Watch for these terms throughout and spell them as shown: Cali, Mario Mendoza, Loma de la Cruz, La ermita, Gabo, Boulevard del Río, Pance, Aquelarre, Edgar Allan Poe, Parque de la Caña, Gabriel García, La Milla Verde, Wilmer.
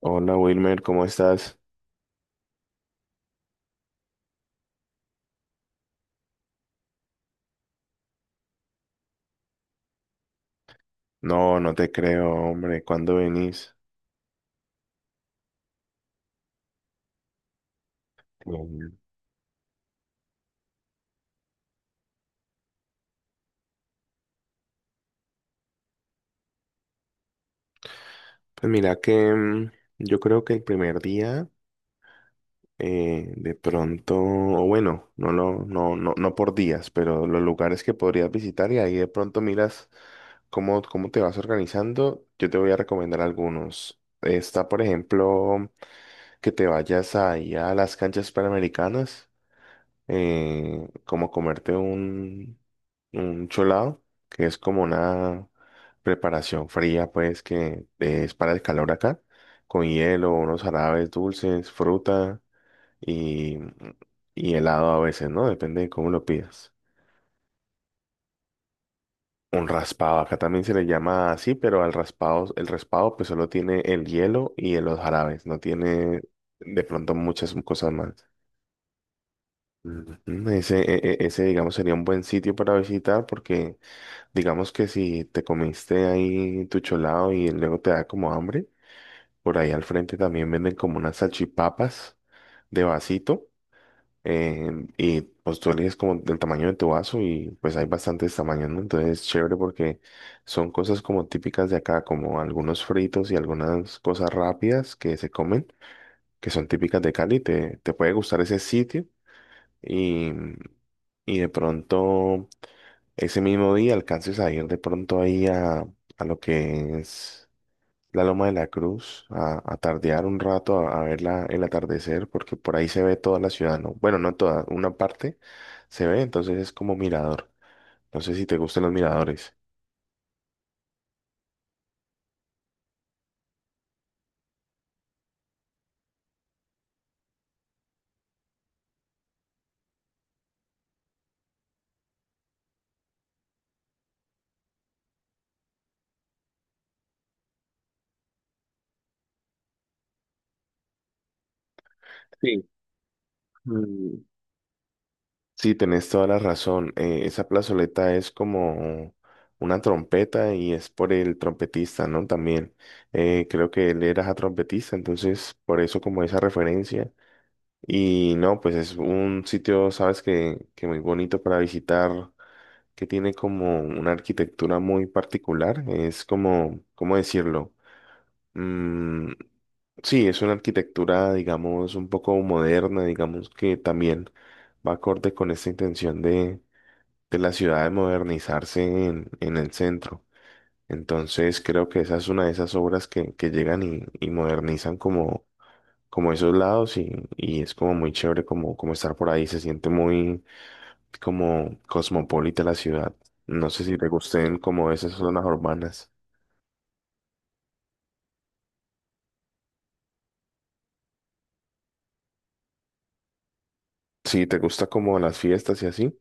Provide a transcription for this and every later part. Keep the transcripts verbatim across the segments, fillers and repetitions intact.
Hola Wilmer, ¿cómo estás? No, no te creo, hombre, ¿cuándo venís? Mm. Pues mira que mm, yo creo que el primer día, eh, de pronto, o bueno, no, lo, no, no, no por días, pero los lugares que podrías visitar y ahí de pronto miras cómo, cómo te vas organizando. Yo te voy a recomendar algunos. Está, por ejemplo, que te vayas ahí a las canchas panamericanas. Eh, como comerte un, un cholado, que es como una preparación fría, pues, que es para el calor acá, con hielo, unos jarabes dulces, fruta y, y helado a veces, ¿no? Depende de cómo lo pidas. Un raspado, acá también se le llama así, pero al raspado, el raspado pues solo tiene el hielo y los jarabes, no tiene de pronto muchas cosas más. Ujú. Ese, e- e- ese, digamos, sería un buen sitio para visitar, porque digamos que si te comiste ahí tu cholado y luego te da como hambre, por ahí al frente también venden como unas salchipapas de vasito. Eh, y pues tú eliges como del tamaño de tu vaso y pues hay bastantes tamaños, ¿no? Entonces es chévere porque son cosas como típicas de acá, como algunos fritos y algunas cosas rápidas que se comen, que son típicas de Cali. Te, te puede gustar ese sitio y, y de pronto ese mismo día alcances a ir de pronto ahí a, a lo que es la Loma de la Cruz, a, a tardear un rato, a, a ver la, el atardecer, porque por ahí se ve toda la ciudad, ¿no? Bueno, no toda, una parte se ve, entonces es como mirador. No sé si te gustan los miradores. Sí. Mm. Sí, tenés toda la razón. eh, esa plazoleta es como una trompeta y es por el trompetista, ¿no? También eh, creo que él era trompetista, entonces por eso como esa referencia. Y no, pues es un sitio, sabes, que, que muy bonito para visitar, que tiene como una arquitectura muy particular. Es como, ¿cómo decirlo? Mm, sí, es una arquitectura, digamos, un poco moderna, digamos, que también va acorde con esta intención de, de la ciudad de modernizarse en, en el centro. Entonces, creo que esa es una de esas obras que, que llegan y, y modernizan como como esos lados, y, y es como muy chévere como, como estar por ahí. Se siente muy como cosmopolita la ciudad. No sé si te gusten como esas zonas urbanas. Si te gusta como las fiestas y así.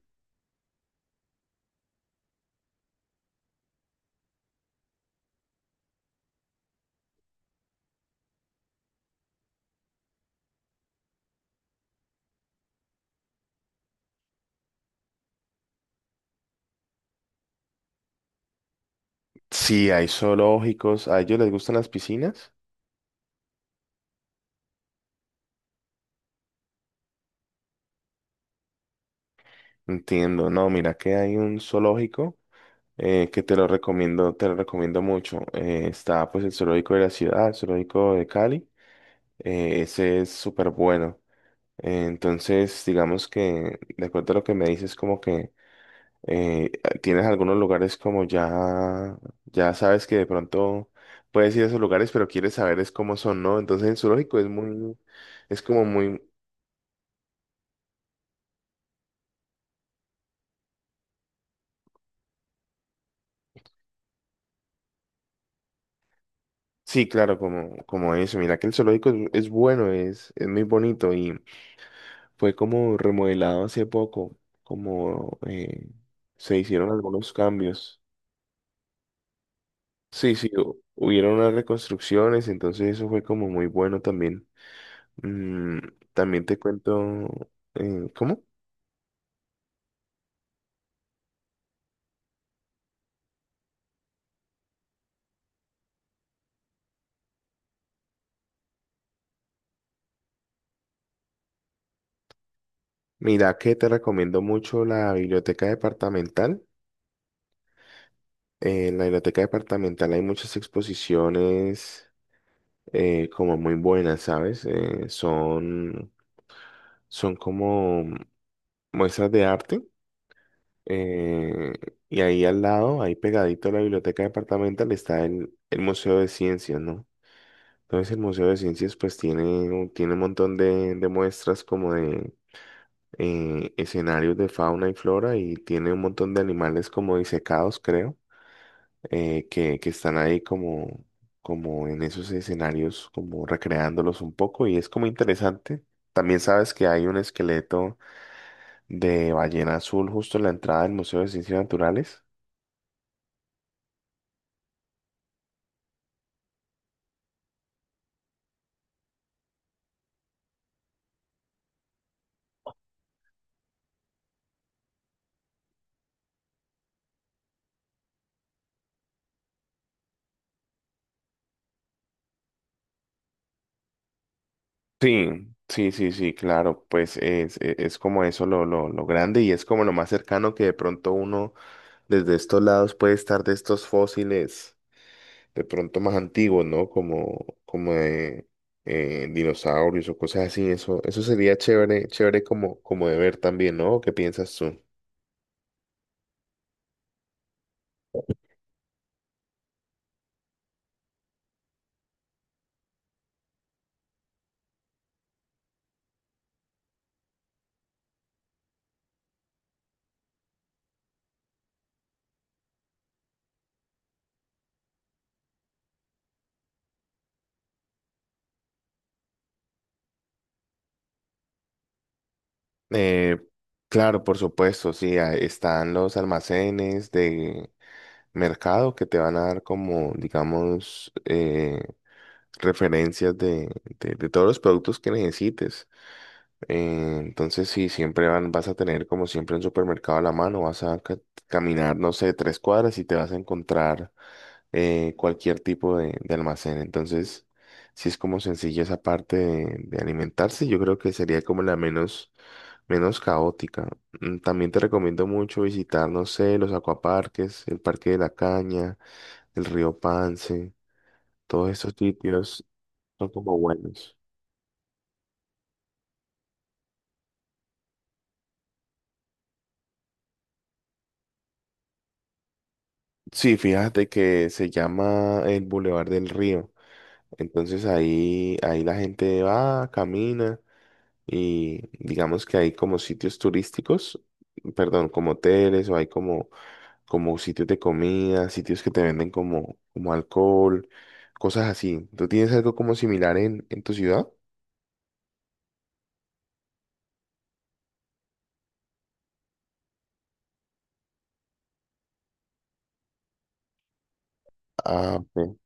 Si hay zoológicos, ¿a ellos les gustan las piscinas? Entiendo, no, mira que hay un zoológico eh, que te lo recomiendo, te lo recomiendo mucho. Eh, está pues el zoológico de la ciudad, el zoológico de Cali. Eh, ese es súper bueno. Eh, Entonces, digamos que, de acuerdo a lo que me dices, como que eh, tienes algunos lugares como ya, ya sabes que de pronto puedes ir a esos lugares, pero quieres saber es cómo son, ¿no? Entonces el zoológico es muy, es como muy, sí, claro, como, como eso. Mira que el zoológico es, es bueno, es, es muy bonito y fue como remodelado hace poco, como eh, se hicieron algunos cambios. Sí, sí, hu- hubieron unas reconstrucciones, entonces eso fue como muy bueno también. Mm, también te cuento, eh, ¿cómo? Mira que te recomiendo mucho la biblioteca departamental. Eh, en la biblioteca departamental hay muchas exposiciones eh, como muy buenas, ¿sabes? Eh, son, son como muestras de arte. eh, y ahí al lado, ahí pegadito a la biblioteca departamental, está el, el Museo de Ciencias, ¿no? Entonces el Museo de Ciencias pues tiene, un- tiene un montón de, de muestras como de eh, escenarios de fauna y flora, y tiene un montón de animales como disecados, creo, eh, que, que están ahí como, como en esos escenarios, como recreándolos un poco, y es como interesante. También sabes que hay un esqueleto de ballena azul justo en la entrada del Museo de Ciencias Naturales. Sí, sí, sí, sí, claro, pues es, e- es como eso, lo, lo, lo grande, y es como lo más cercano que de pronto uno desde estos lados puede estar de estos fósiles. De pronto más antiguos, ¿no? Como, como de eh, dinosaurios o cosas así. Eso, eso sería chévere, chévere como, como de ver también, ¿no? ¿Qué piensas tú? Eh, claro, por supuesto, sí, ah, están los almacenes de mercado que te van a dar como, digamos, eh, referencias de, de, de todos los productos que necesites. Eh, entonces, sí, siempre van- vas a tener como siempre un supermercado a la mano, vas a ca- caminar, no sé, tres cuadras y te vas a encontrar eh, cualquier tipo de, de almacén. Entonces, si es como sencilla esa parte de, de alimentarse, yo creo que sería como la menos, menos caótica. Mm, También te recomiendo mucho visitar, no sé, los acuaparques, el Parque de la Caña, el río Pance, todos estos sitios son como buenos. Sí, fíjate que se llama el Boulevard del Río. Entonces ahí, ahí la gente va, camina, y digamos que hay como sitios turísticos, perdón, como hoteles, o hay como, como sitios de comida, sitios que te venden como, como alcohol, cosas así. ¿Tú tienes algo como similar en, en tu ciudad? Ah, ok.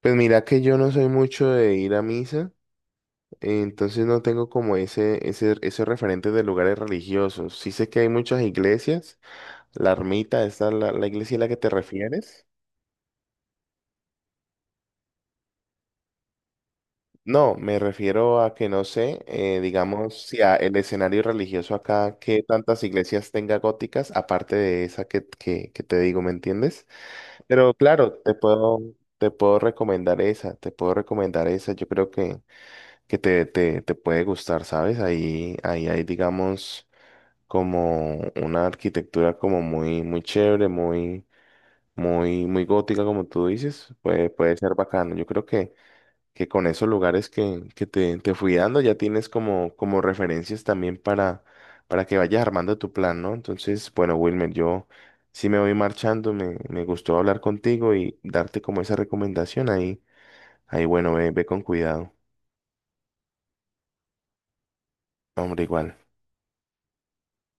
Pues mira que yo no soy mucho de ir a misa, eh, entonces no tengo como ese, ese, ese referente de lugares religiosos. Sí sé que hay muchas iglesias. La ermita, ¿esta la, la iglesia a la que te refieres? No, me refiero a que no sé, eh, digamos, si a- el escenario religioso acá, que tantas iglesias tenga góticas, aparte de esa que, que, que te digo, ¿me entiendes? Pero claro, te puedo, te puedo recomendar esa, te puedo recomendar esa. Yo creo que, que te, te, te puede gustar, ¿sabes? Ahí, ahí hay, digamos, como una arquitectura como muy, muy chévere, muy muy, muy gótica, como tú dices. Puede, puede ser bacano. Yo creo que, que con esos lugares que, que te, te fui dando, ya tienes como, como referencias también para, para que vayas armando tu plan, ¿no? Entonces, bueno, Wilmer, yo sí me voy marchando, me, me gustó hablar contigo y darte como esa recomendación ahí. Ahí, bueno, ve, ve con cuidado. Hombre, igual.